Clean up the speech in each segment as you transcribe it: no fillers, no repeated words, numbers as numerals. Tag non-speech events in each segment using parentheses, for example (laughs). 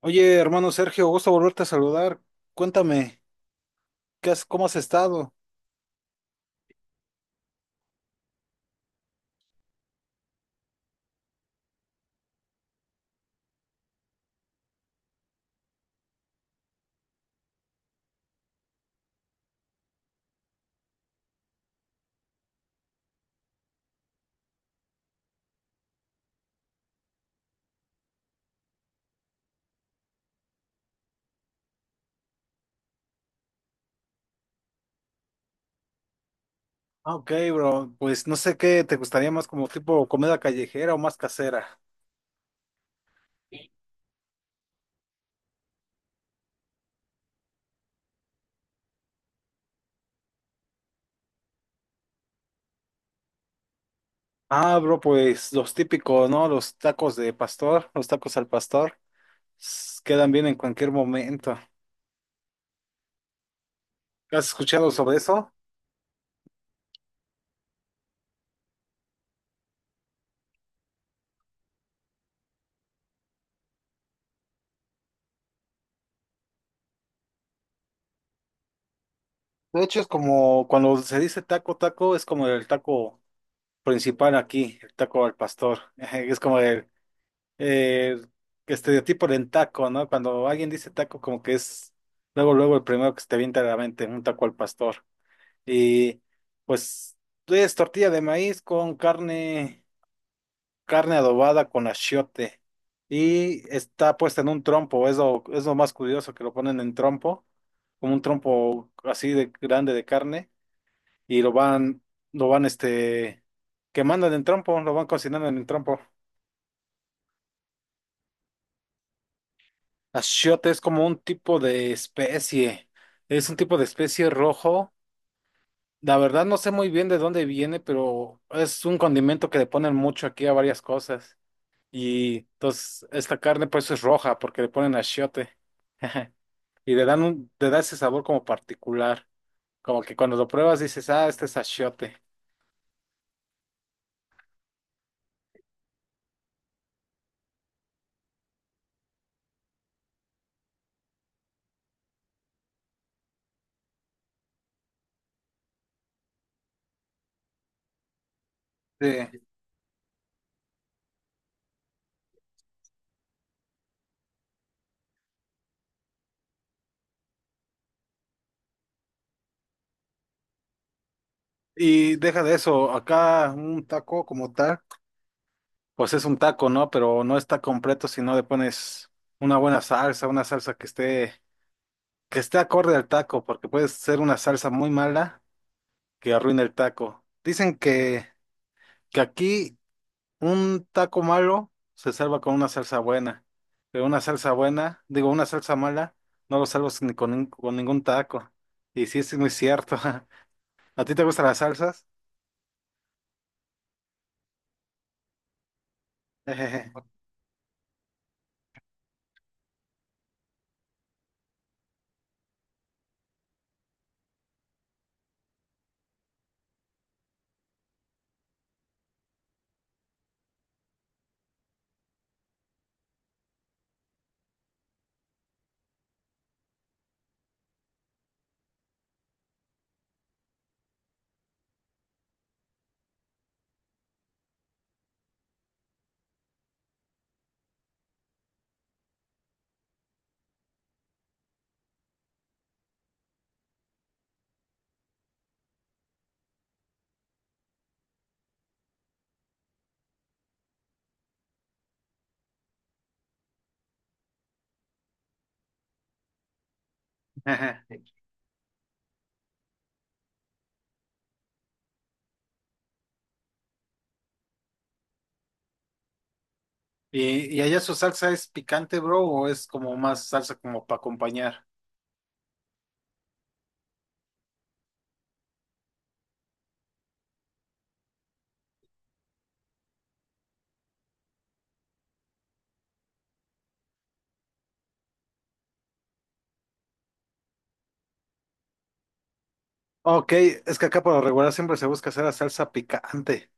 Oye, hermano Sergio, gusto volverte a saludar. Cuéntame, cómo has estado? Ok, bro, pues no sé qué te gustaría más como tipo comida callejera o más casera. Ah, bro, pues los típicos, ¿no? Los tacos al pastor, quedan bien en cualquier momento. ¿Has escuchado sobre eso? De hecho, es como cuando se dice taco, es como el taco principal aquí, el taco al pastor. (laughs) Es como el estereotipo del taco, ¿no? Cuando alguien dice taco, como que es luego, luego el primero que se te viene a la mente, un taco al pastor. Y pues es tortilla de maíz con carne, carne adobada con achiote. Y está puesta en un trompo, es lo más curioso que lo ponen en trompo, como un trompo así de grande de carne y lo van quemando en el trompo, lo van cocinando en el trompo. Achiote es como un tipo de especie, es un tipo de especie rojo. La verdad no sé muy bien de dónde viene, pero es un condimento que le ponen mucho aquí a varias cosas. Y entonces esta carne pues es roja porque le ponen achiote. (laughs) Y le da ese sabor como particular. Como que cuando lo pruebas dices, ah, este es achiote. Sí. Y deja de eso, acá un taco como tal. Pues es un taco, ¿no? Pero no está completo si no le pones una buena salsa, una salsa que esté acorde al taco, porque puede ser una salsa muy mala que arruine el taco. Que aquí un taco malo se salva con una salsa buena, pero una salsa mala, no lo salvas ni con, nin- con ningún taco. Y sí, sí es muy cierto. (laughs) ¿A ti te gustan las salsas? (laughs) Jejeje. ¿Y allá su salsa es picante, bro, o es como más salsa como para acompañar? Ok, es que acá por lo regular siempre se busca hacer la salsa picante.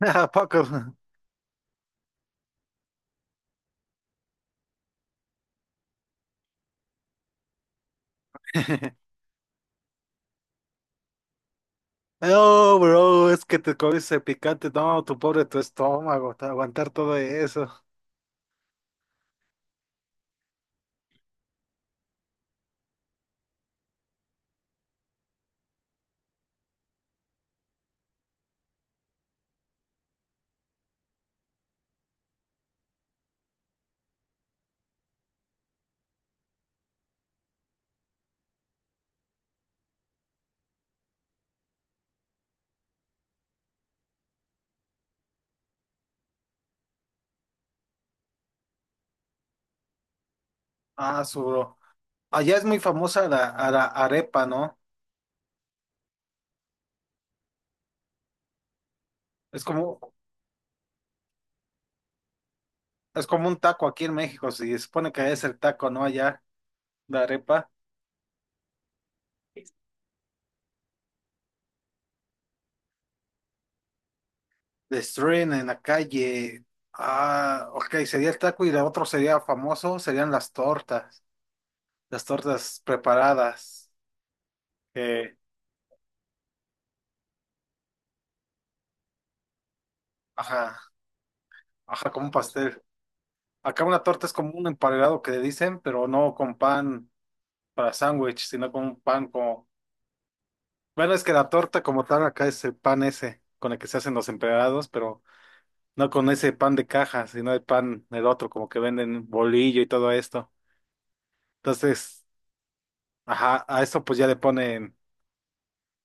(laughs) ¿A poco? (laughs) No, bro, es que te comiste picante. No, tu pobre tu estómago, te aguantar todo eso. Ah, su bro. Allá es muy famosa a la arepa, ¿no? Es como, es como un taco aquí en México, si se supone que allá es el taco, ¿no? Allá, la arepa. Destruyen en la calle. Ah, ok, sería el taco y la otro sería famoso, serían las tortas. Las tortas preparadas. eh, ajá, ajá, como un pastel. Acá una torta es como un emparedado que le dicen, pero no con pan para sándwich, sino con un pan como... Bueno, es que la torta como tal acá es el pan ese con el que se hacen los emparedados, pero no con ese pan de caja, sino el pan del otro, como que venden bolillo y todo esto. Entonces, ajá, a eso pues ya le ponen...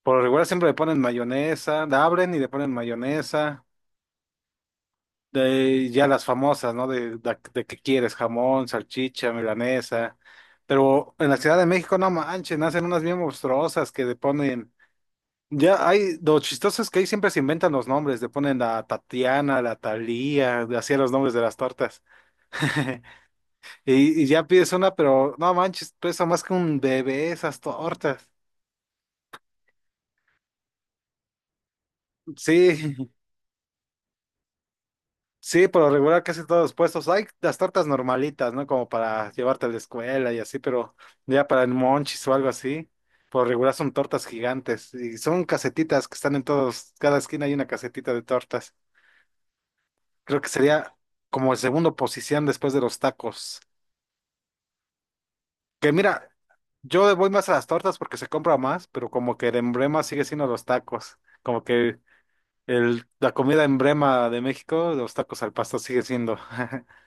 Por lo regular siempre le ponen mayonesa, la abren y le ponen mayonesa, de ya las famosas, ¿no? De que quieres, jamón, salchicha, milanesa. Pero en la Ciudad de México, no manchen, hacen unas bien monstruosas que le ponen. Ya hay, lo chistoso es que ahí siempre se inventan los nombres, le ponen la Tatiana, la Thalía, así los nombres de las tortas. (laughs) Y ya pides una, pero no manches, pesa más que un bebé esas tortas. Sí, sí, por lo regular casi todos los puestos. Hay las tortas normalitas, ¿no? Como para llevarte a la escuela y así, pero ya para el monchis o algo así, por lo regular son tortas gigantes y son casetitas que están en todos, cada esquina hay una casetita de tortas. Creo que sería como el segundo posición después de los tacos. Que mira, yo voy más a las tortas porque se compra más, pero como que el emblema sigue siendo los tacos. Como que la comida emblema de México, los tacos al pastor sigue siendo. (laughs)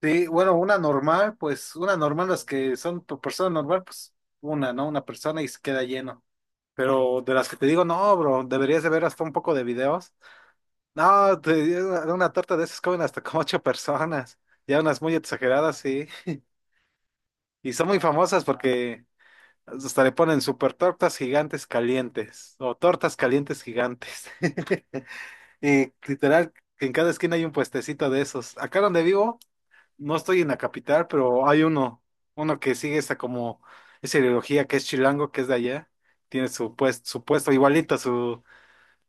Sí, bueno, pues una normal, las que son por persona normal, pues una, ¿no? Una persona y se queda lleno. Pero de las que te digo, no, bro, deberías de ver hasta un poco de videos. No, digo, una torta de esas comen hasta como ocho personas. Ya unas muy exageradas, sí. Y son muy famosas porque hasta le ponen super tortas gigantes calientes o tortas calientes gigantes. (laughs) Y literal, que en cada esquina hay un puestecito de esos. Acá donde vivo. No estoy en la capital, pero hay uno, uno que sigue esa como, esa ideología que es chilango, que es de allá. Tiene su puesto igualito,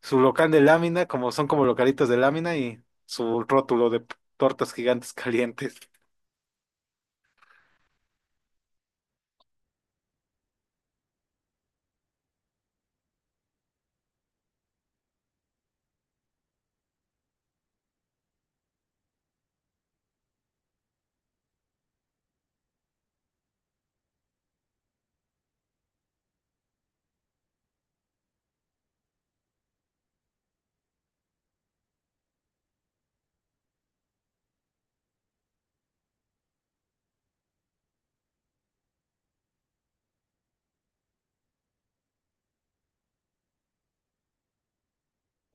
su local de lámina, como son como localitos de lámina y su rótulo de tortas gigantes (laughs) calientes.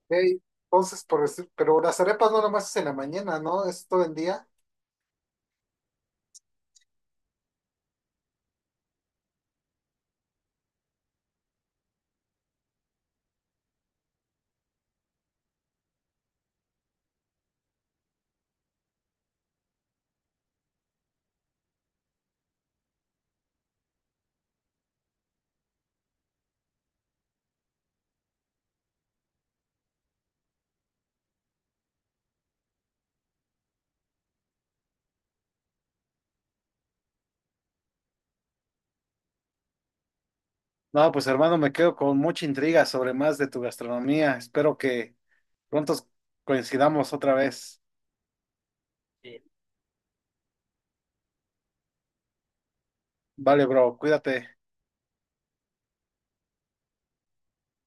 Ey, Entonces, por decir- pero las arepas no nomás es en la mañana, ¿no? Es todo el día. No, pues hermano, me quedo con mucha intriga sobre más de tu gastronomía. Espero que pronto coincidamos otra vez. Sí. Vale, bro, cuídate.